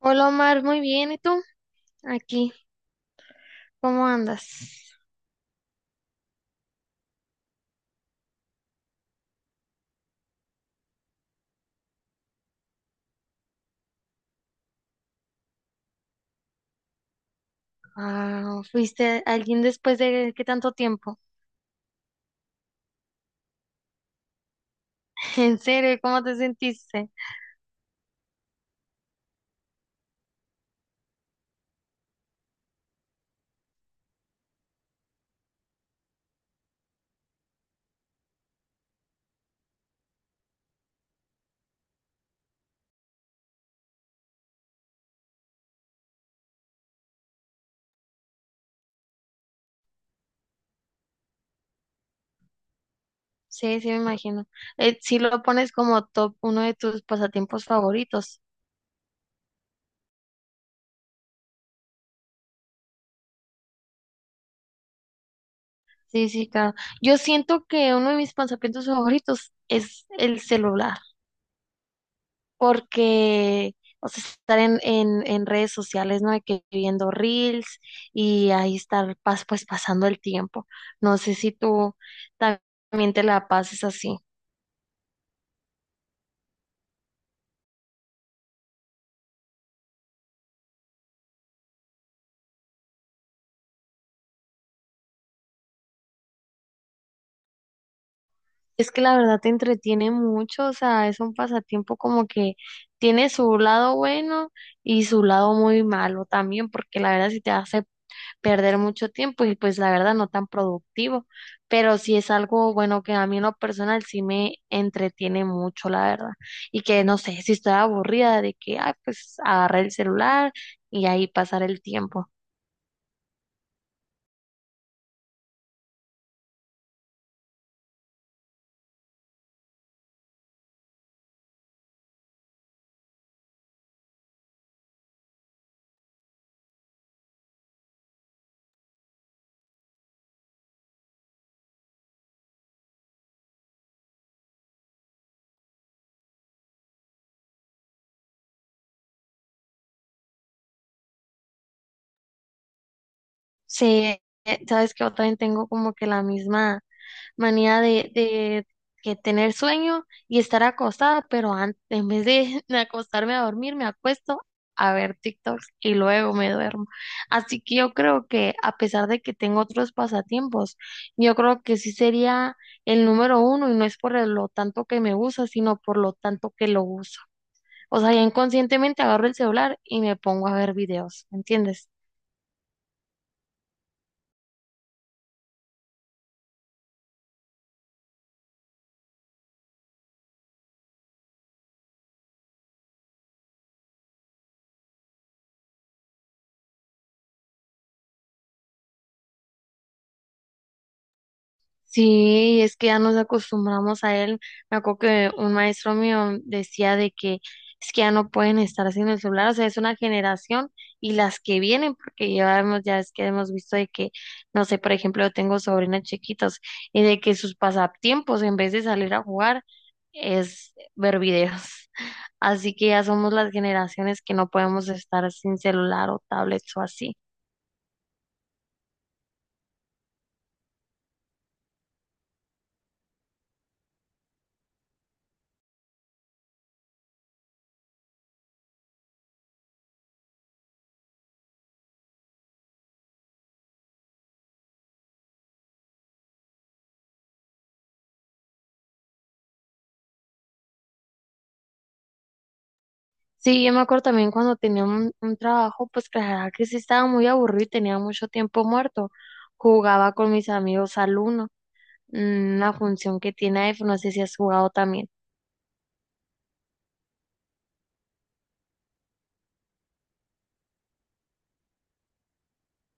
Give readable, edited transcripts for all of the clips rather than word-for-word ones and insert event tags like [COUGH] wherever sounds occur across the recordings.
Hola Omar, muy bien, ¿y tú? Aquí, ¿cómo andas? Ah, ¿fuiste alguien después de qué tanto tiempo? [LAUGHS] ¿En serio? ¿Cómo te sentiste? Sí, sí, me imagino. Si lo pones como top uno de tus pasatiempos favoritos. Sí, sí, claro. Yo siento que uno de mis pasatiempos favoritos es el celular. Porque, o sea, estar en redes sociales, ¿no? De que viendo reels y ahí estar pues pasando el tiempo. No sé si tú también te la pases así. Es que la verdad te entretiene mucho, o sea, es un pasatiempo como que tiene su lado bueno y su lado muy malo también, porque la verdad si te hace perder mucho tiempo y pues la verdad no tan productivo, pero sí es algo bueno que a mí en lo personal sí me entretiene mucho, la verdad, y que no sé si estoy aburrida de que, ay, pues agarrar el celular y ahí pasar el tiempo. Sí, sabes que yo también tengo como que la misma manía de que tener sueño y estar acostada, pero antes, en vez [LAUGHS] de acostarme a dormir, me acuesto a ver TikToks y luego me duermo. Así que yo creo que a pesar de que tengo otros pasatiempos, yo creo que sí sería el número uno y no es por lo tanto que me gusta, sino por lo tanto que lo uso. O sea, ya inconscientemente agarro el celular y me pongo a ver videos, ¿me entiendes? Sí, es que ya nos acostumbramos a él. Me acuerdo que un maestro mío decía de que es que ya no pueden estar sin el celular, o sea, es una generación y las que vienen, porque ya hemos, ya es que hemos visto de que, no sé, por ejemplo, yo tengo sobrinas chiquitas y de que sus pasatiempos, en vez de salir a jugar, es ver videos. [LAUGHS] Así que ya somos las generaciones que no podemos estar sin celular o tablets o así. Sí, yo me acuerdo también cuando tenía un trabajo, pues que la verdad que sí estaba muy aburrido y tenía mucho tiempo muerto. Jugaba con mis amigos al Uno, mm, una función que tiene iPhone, no sé si has jugado también.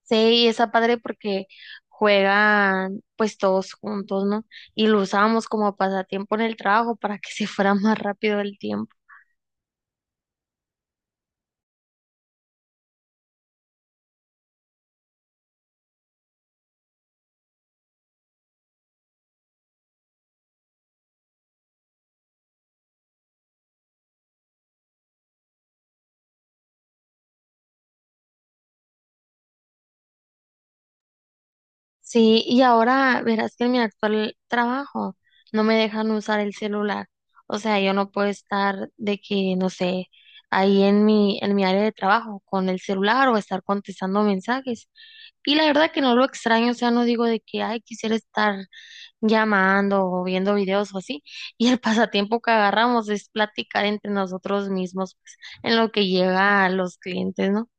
Sí, y está padre porque juegan pues todos juntos, ¿no? Y lo usábamos como pasatiempo en el trabajo para que [LAUGHS] se fuera más rápido el tiempo. Sí, y ahora verás que en mi actual trabajo no me dejan usar el celular. O sea, yo no puedo estar de que, no sé, ahí en mi área de trabajo con el celular o estar contestando mensajes. Y la verdad que no lo extraño, o sea, no digo de que, ay, quisiera estar llamando o viendo videos o así. [LAUGHS] Y el pasatiempo que agarramos es platicar entre nosotros mismos, pues, en lo que llega a los clientes, ¿no?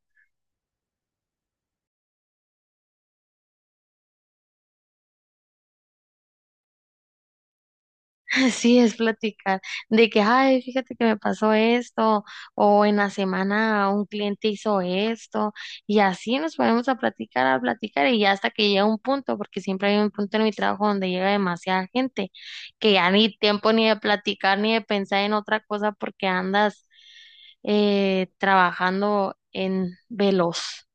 Así es, platicar de que, ay, fíjate que me pasó esto, o en la semana un cliente hizo esto, y así nos ponemos a platicar, y ya hasta que llega un punto, porque siempre hay un punto en mi trabajo donde llega demasiada gente, que ya ni tiempo ni de platicar ni de pensar en otra cosa porque andas trabajando en veloz.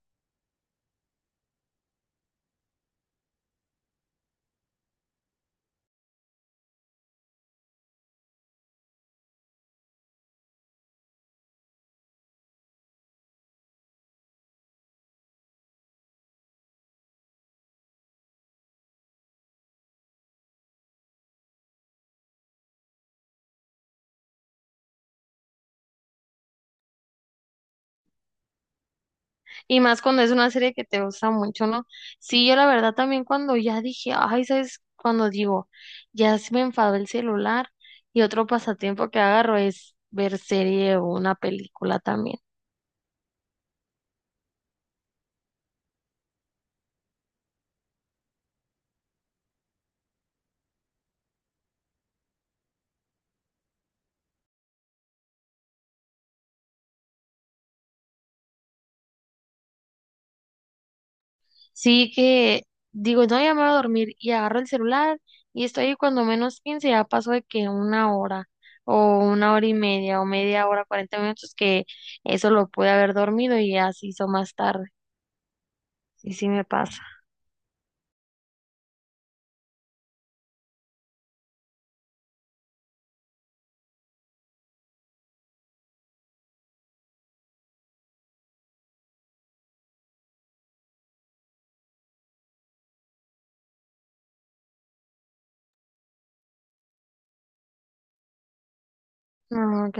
Y más cuando es una serie que te gusta mucho, ¿no? Sí, yo la verdad también cuando ya dije, ay, ¿sabes? Cuando digo, ya se me enfadó el celular y otro pasatiempo que agarro es ver serie o una película también. Sí que digo, no, ya me voy a dormir y agarro el celular y estoy ahí cuando menos 15, ya pasó de que una hora o una hora y media o media hora, 40 minutos, que eso lo pude haber dormido y así se hizo más tarde. Y sí me pasa. No, ok.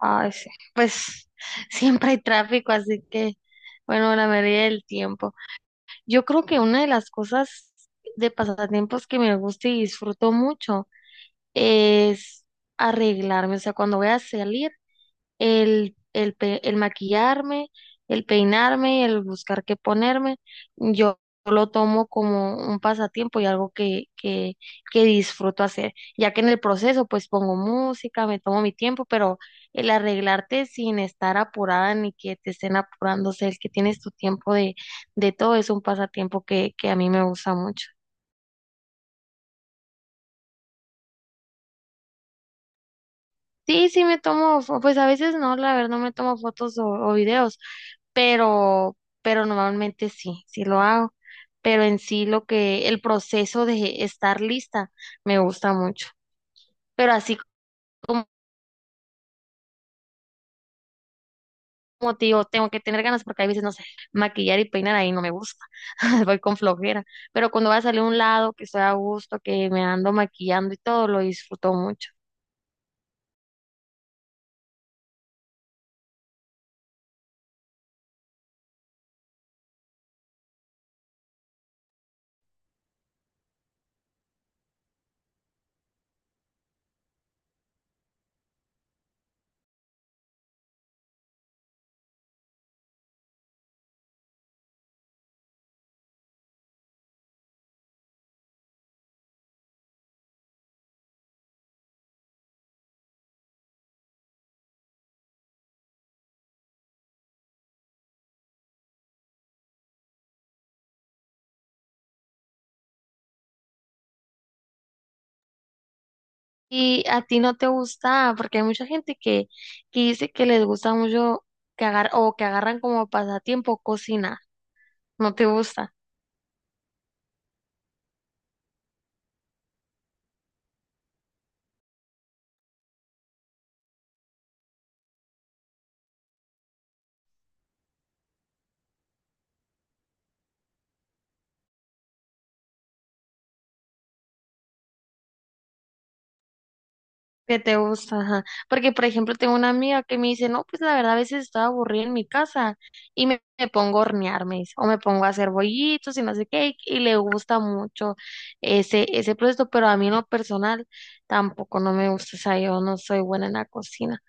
Ay, sí. Pues [LAUGHS] siempre hay tráfico, así que, bueno, la mayoría del tiempo. Yo creo que una de las cosas de pasatiempos que me gusta y disfruto mucho es arreglarme. O sea, cuando voy a salir, el maquillarme, el peinarme, el buscar qué ponerme, yo lo tomo como un pasatiempo y algo que disfruto hacer, ya que en el proceso pues pongo música, me tomo mi tiempo, pero el arreglarte sin estar apurada ni que te estén apurándose, el que tienes tu tiempo de todo es un pasatiempo que a mí me gusta mucho. Sí, sí me tomo, pues a veces no, la verdad no me tomo fotos o videos, pero normalmente sí, sí lo hago. Pero en sí lo que, el proceso de estar lista me gusta mucho. Pero así como, como te digo, tengo que tener ganas porque a veces, no sé, maquillar y peinar ahí no me gusta, [LAUGHS] voy con flojera. Pero cuando voy a salir a un lado, que estoy a gusto, que me ando maquillando y todo, lo disfruto mucho. Y a ti no te gusta, porque hay mucha gente que dice que les gusta mucho que agar o que agarran como pasatiempo cocinar. No te gusta, que te gusta, ajá. Porque, por ejemplo, tengo una amiga que me dice, no, pues la verdad a veces estoy aburrida en mi casa y me pongo a hornear, me dice, o me pongo a hacer bollitos y no sé qué, y le gusta mucho ese, ese proceso, pero a mí en lo personal tampoco no me gusta, o sea, yo no soy buena en la cocina.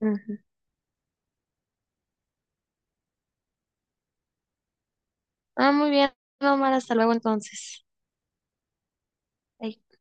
Ujú. Ah, muy bien, Omar, hasta luego entonces. Bye.